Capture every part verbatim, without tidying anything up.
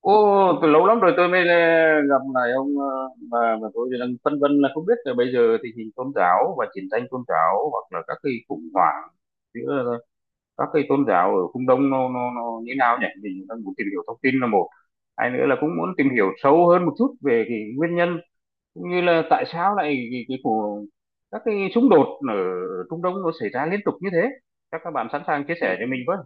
Ô, từ lâu lắm rồi tôi mới ờ, gặp lại ông, ờ, mà mà tôi đang phân vân là không biết là bây giờ tình hình tôn giáo và chiến tranh tôn giáo hoặc là các cái khủng hoảng giữa, ờ, các cái tôn giáo ở phương Đông nó nó nó như nào nhỉ? Mình đang muốn tìm hiểu thông tin là một, hai nữa là cũng muốn tìm hiểu sâu hơn một chút về cái nguyên nhân cũng như là tại sao lại cái, cái của các cái xung đột ở Trung Đông nó xảy ra liên tục như thế. Chắc các bạn sẵn sàng chia sẻ cho mình với.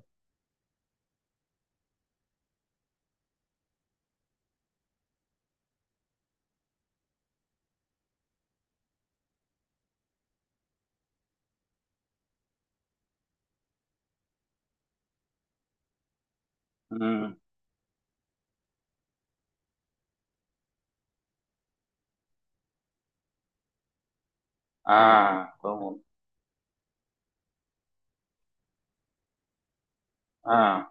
Ừ. À, có một- à,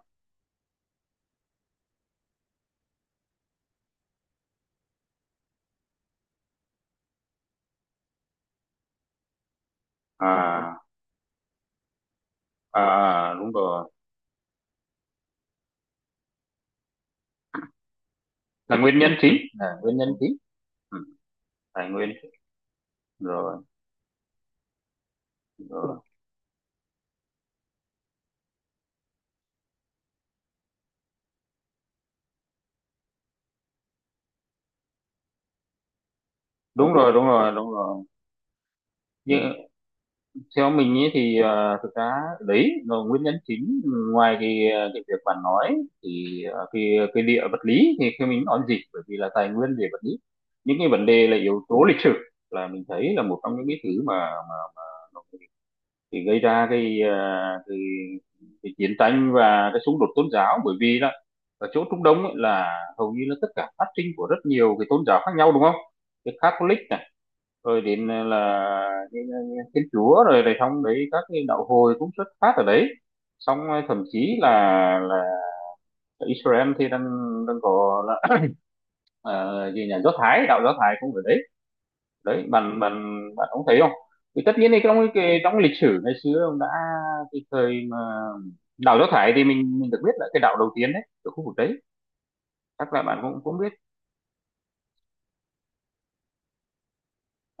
à. À à, đúng rồi là nguyên nhân chính, là nguyên nhân Ừ. chính. Ừ. Tài nguyên. Rồi, rồi. Đúng rồi, đúng rồi, đúng rồi, nhưng theo mình ấy thì, à, thực ra đấy là nguyên nhân chính. Ngoài cái, à, cái việc bạn nói thì, à, cái cái địa vật lý thì khi mình nói gì bởi vì là tài nguyên về vật lý, những cái vấn đề là yếu tố lịch sử là mình thấy là một trong những cái thứ mà mà mà thì gây ra cái, ờ, cái, cái chiến tranh và cái xung đột tôn giáo, bởi vì là ở chỗ Trung Đông ấy là hầu như là tất cả phát sinh của rất nhiều cái tôn giáo khác nhau, đúng không? Cái Catholic này, rồi đến là cái- cái Thiên Chúa, rồi rồi xong đấy các cái đạo hồi cũng xuất phát ở đấy. Xong ờ, thậm chí là là Israel thì đang đang có là, ờ, gì nhà Do Thái, đạo Do Thái cũng ở đấy. Đấy bạn bạn bạn cũng thấy không, thì tất nhiên thì trong cái trong lịch sử ngày xưa ông đã, cái thời mà đảo Do Thái thì mình mình được biết là cái đảo đầu tiên đấy ở khu vực đấy, chắc là bạn cũng cũng biết.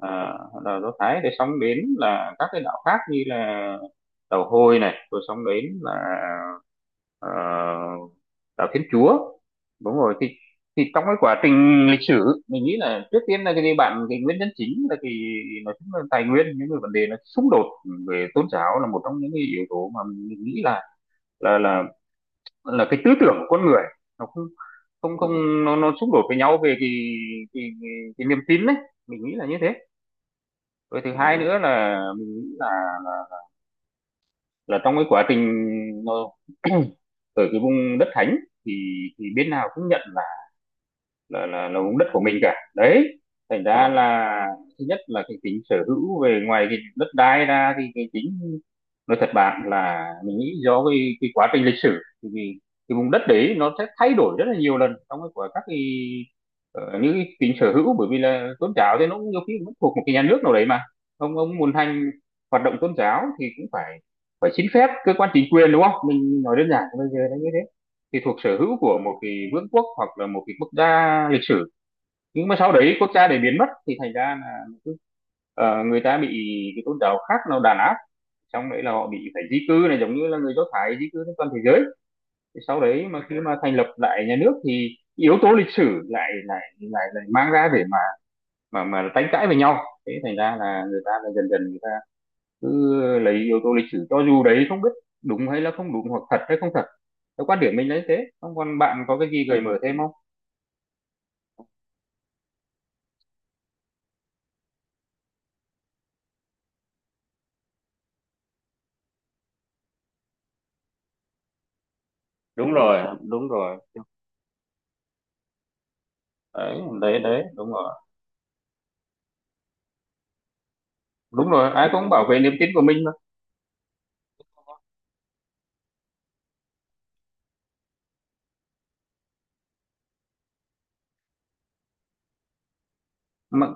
à, Đảo Do Thái để xong đến là các cái đảo khác như là đảo Hồi này, rồi xong đến là, ờ, đạo Thiên Chúa, đúng rồi. thì thì trong cái quá trình lịch sử mình nghĩ là trước tiên là cái bạn cái nguyên nhân chính là cái, nói chung là tài nguyên, những cái vấn đề nó xung đột về tôn giáo là một trong những cái yếu tố mà mình nghĩ là là là là cái tư tưởng của con người nó không không không nó nó xung đột với nhau về cái cái cái, cái niềm tin đấy. Mình nghĩ là như thế. Rồi thứ hai nữa là mình nghĩ là là, là trong cái quá trình nó ở cái vùng đất thánh thì thì bên nào cũng nhận là là là là vùng đất của mình cả đấy. Thành ra Vâng, là thứ nhất là cái tính sở hữu về ngoài cái đất đai ra thì cái tính, nói thật bạn là mình nghĩ do cái cái quá trình lịch sử thì cái, cái vùng đất đấy nó sẽ thay đổi rất là nhiều lần trong cái của các cái, ờ, những cái tính sở hữu, bởi vì là tôn giáo thì nó cũng nhiều khi cũng thuộc một cái nhà nước nào đấy mà ông ông muốn hành hoạt động tôn giáo thì cũng phải phải xin phép cơ quan chính quyền, đúng không, mình nói đơn giản bây giờ là như thế, thì thuộc sở hữu của một cái vương quốc hoặc là một cái quốc gia lịch sử. Nhưng mà sau đấy quốc gia để biến mất thì thành ra là cứ, ờ, người ta bị cái tôn giáo khác nó đàn áp, xong đấy là họ bị phải di cư này, giống như là người Do Thái di cư trên toàn thế giới. Thì sau đấy mà khi mà thành lập lại nhà nước thì yếu tố lịch sử lại lại lại lại mang ra để mà mà mà tranh cãi với nhau, thế thành ra là người ta là dần dần người ta cứ lấy yếu tố lịch sử, cho dù đấy không biết đúng hay là không đúng, hoặc thật hay không thật, theo quan điểm mình lấy thế. Không còn bạn có cái gì gợi mở thêm không? Đúng rồi, đúng rồi. Đấy đấy đấy, đúng rồi. Đúng rồi, ai cũng bảo vệ niềm tin của mình mà, mà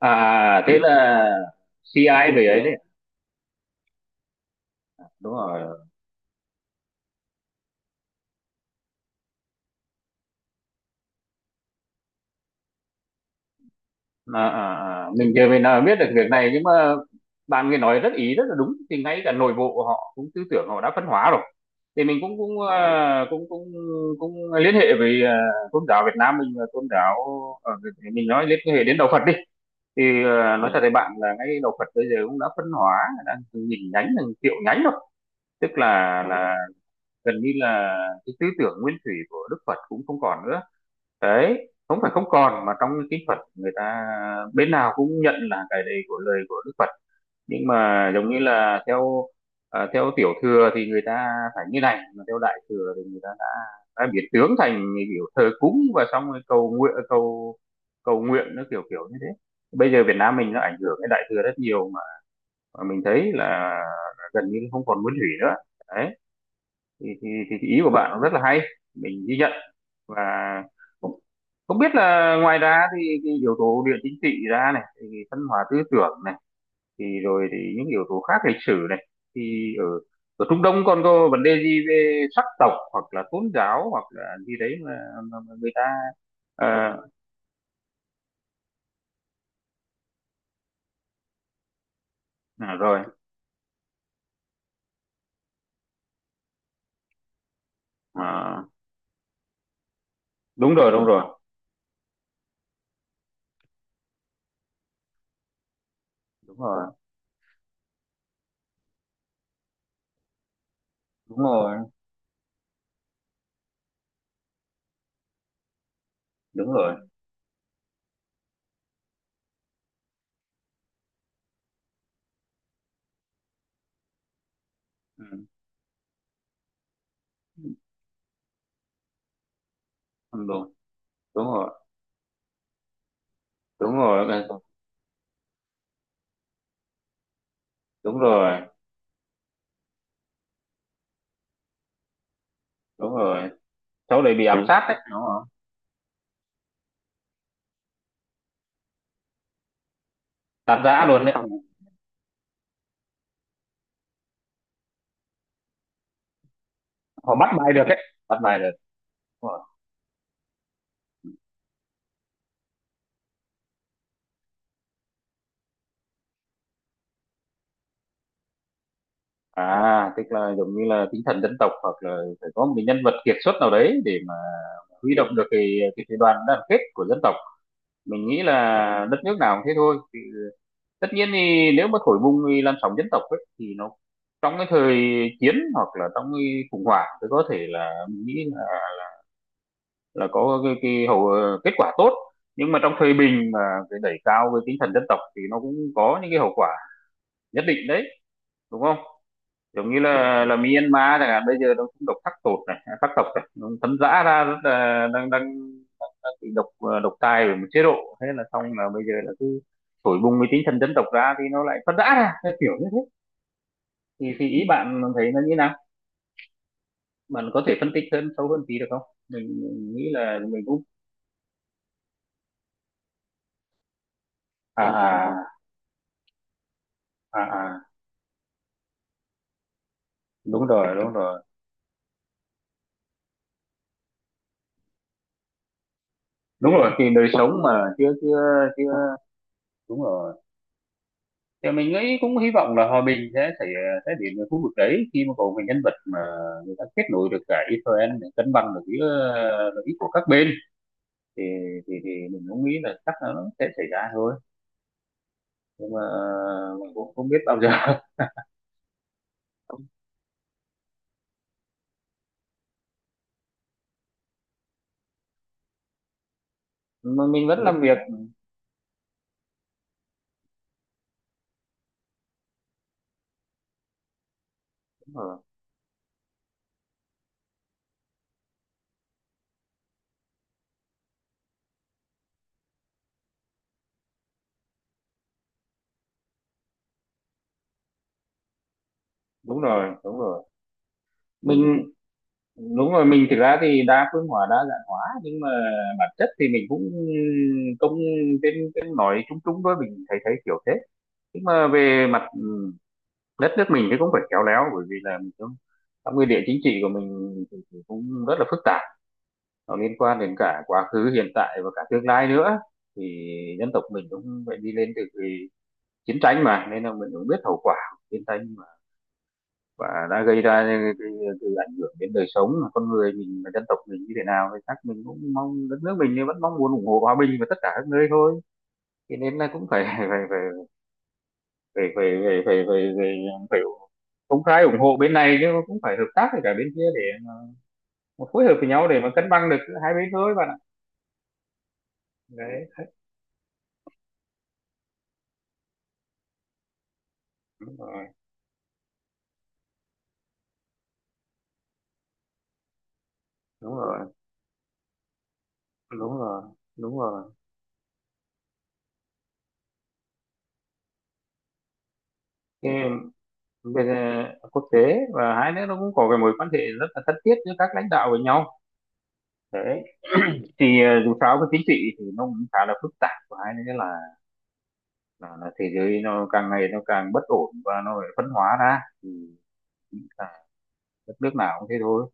à thế là xê i về ấy đấy, đúng rồi. À, à, à. Mình chưa về nào biết được việc này, nhưng mà bạn người nói rất ý rất là đúng, thì ngay cả nội bộ họ cũng tư tưởng họ đã phân hóa rồi. Thì mình cũng cũng à, cũng cũng cũng liên hệ với, à, tôn giáo Việt Nam mình và tôn giáo ở, mình nói liên hệ đến đạo Phật đi. Thì à, nói thật với bạn là ngay đạo Phật bây giờ cũng đã phân hóa đang từng nghìn nhánh từng triệu nhánh rồi. Tức là là gần như là cái tư tưởng nguyên thủy của Đức Phật cũng không còn nữa. Đấy không phải không còn mà trong kinh Phật người ta bên nào cũng nhận là cái đấy của lời của Đức Phật, nhưng mà giống như là theo, à, theo tiểu thừa thì người ta phải như này, mà theo đại thừa thì người ta đã đã biến tướng thành kiểu thờ cúng và xong rồi cầu nguyện, cầu cầu nguyện nó kiểu kiểu như thế. Bây giờ Việt Nam mình nó ảnh hưởng cái đại thừa rất nhiều mà, mà mình thấy là gần như không còn nguyên thủy nữa. Đấy thì, thì, thì, thì ý của bạn nó rất là hay, mình ghi nhận. Và không, không biết là ngoài ra thì cái yếu tố địa chính trị ra này, thì văn hóa tư tưởng này, thì rồi thì những yếu tố khác lịch sử này, thì ở ở Trung Đông còn có vấn đề gì về sắc tộc hoặc là tôn giáo hoặc là gì đấy mà, mà mà người ta, ờ, à, rồi. À, đúng rồi, đúng rồi, đúng rồi, đúng rồi, đúng rồi. Ừ, đúng rồi, đúng rồi, đúng rồi, đúng rồi, đúng rồi. Cháu đấy bị ám sát đấy, đúng rồi. Tàn thế luôn đấy. Họ bắt bài được đấy, bắt bài được. Đúng rồi. À tức là giống như là tinh thần dân tộc, hoặc là phải có một cái nhân vật kiệt xuất nào đấy để mà huy động được cái cái, cái đoàn đoàn kết của dân tộc. Mình nghĩ là đất nước nào cũng thế thôi. Thì tất nhiên thì nếu mà thổi bùng thì làn sóng dân tộc ấy, thì nó trong cái thời chiến hoặc là trong cái khủng hoảng thì có thể là mình nghĩ là, là có cái, cái hậu, ờ, kết quả tốt. Nhưng mà trong thời bình mà cái đẩy cao cái tinh thần dân tộc thì nó cũng có những cái hậu quả nhất định đấy, đúng không? Giống như là là Myanmar chẳng hạn, bây giờ nó cũng độc khắc tột này khắc tộc này nó tấn dã ra rất là, đang đang đang bị độc, ờ, độc tài bởi một chế độ, thế là xong là bây giờ là cứ thổi bùng cái tinh thần dân tộc ra thì nó lại phân rã ra, cái kiểu như thế. thì, thì ý bạn thấy nó như nào, bạn có thể phân tích hơn sâu hơn tí được không? Mình, mình nghĩ là mình cũng, à à, à à, đúng rồi, đúng rồi, đúng rồi. Thì đời sống mà chưa chưa chưa, đúng rồi. Thì mình nghĩ cũng hy vọng là hòa bình sẽ thể thể hiện ở khu vực đấy khi mà có cái nhân vật mà người ta kết nối được cả Israel để cân bằng được giữa, ờ, lợi ích của các bên. Thì thì, thì mình cũng nghĩ là chắc là nó sẽ xảy ra thôi, nhưng mà mình cũng không biết bao giờ. Mình vẫn làm việc. Ờ, đúng rồi, đúng rồi. Mình đúng rồi, mình thực ra thì đa phương hóa đa dạng hóa, nhưng mà bản chất thì mình cũng cũng trên trên nói chung chung thôi, mình thấy thấy kiểu thế. Nhưng mà về mặt đất nước mình thì cũng phải khéo léo, bởi vì là mình cũng trong nguyên địa chính trị của mình thì, thì cũng rất là phức tạp, nó liên quan đến cả quá khứ hiện tại và cả tương lai nữa. Thì dân tộc mình cũng phải đi lên từ cái chiến tranh, mà nên là mình cũng biết hậu quả của chiến tranh mà, và đã gây ra cái, cái, cái ảnh hưởng đến đời sống của con người mình và dân tộc mình như thế nào, thì chắc mình cũng mong đất nước mình vẫn mong muốn ủng hộ hòa bình và tất cả các nơi thôi. Thế nên là cũng phải phải phải phải phải phải phải, phải, phải, phải cũng khá ủng hộ bên này, nhưng mà cũng phải hợp tác với cả bên kia để mà phối hợp với nhau để mà cân bằng được giữa hai bên thôi bạn ạ. Đấy, đúng rồi, đúng rồi, đúng rồi, đúng rồi. Cái bên, ờ, quốc tế, và hai nữa nó cũng có cái mối quan hệ rất là thân thiết giữa các lãnh đạo với nhau. Đấy, thì ờ, dù sao cái chính trị thì nó cũng khá là phức tạp, và hai nữa là, là là thế giới nó càng ngày nó càng bất ổn và nó phải phân hóa ra thì nghĩ là đất nước nào cũng thế thôi,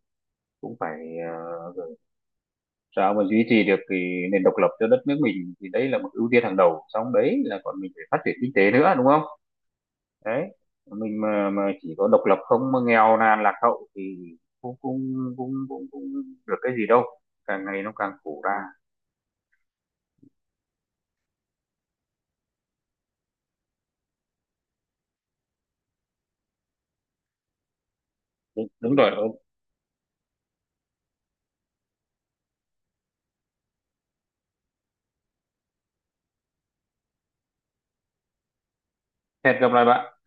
cũng phải, ờ, sao mà duy trì được cái nền độc lập cho đất nước mình thì đấy là một ưu tiên hàng đầu, xong đấy là còn mình phải phát triển kinh tế nữa, đúng không? Đấy mình mà mà chỉ có độc lập không mà nghèo nàn lạc hậu thì cũng cũng cũng cũng, cũng được cái gì đâu, càng ngày nó càng khổ ra. Đúng, đúng rồi ông, hẹn gặp lại bạn.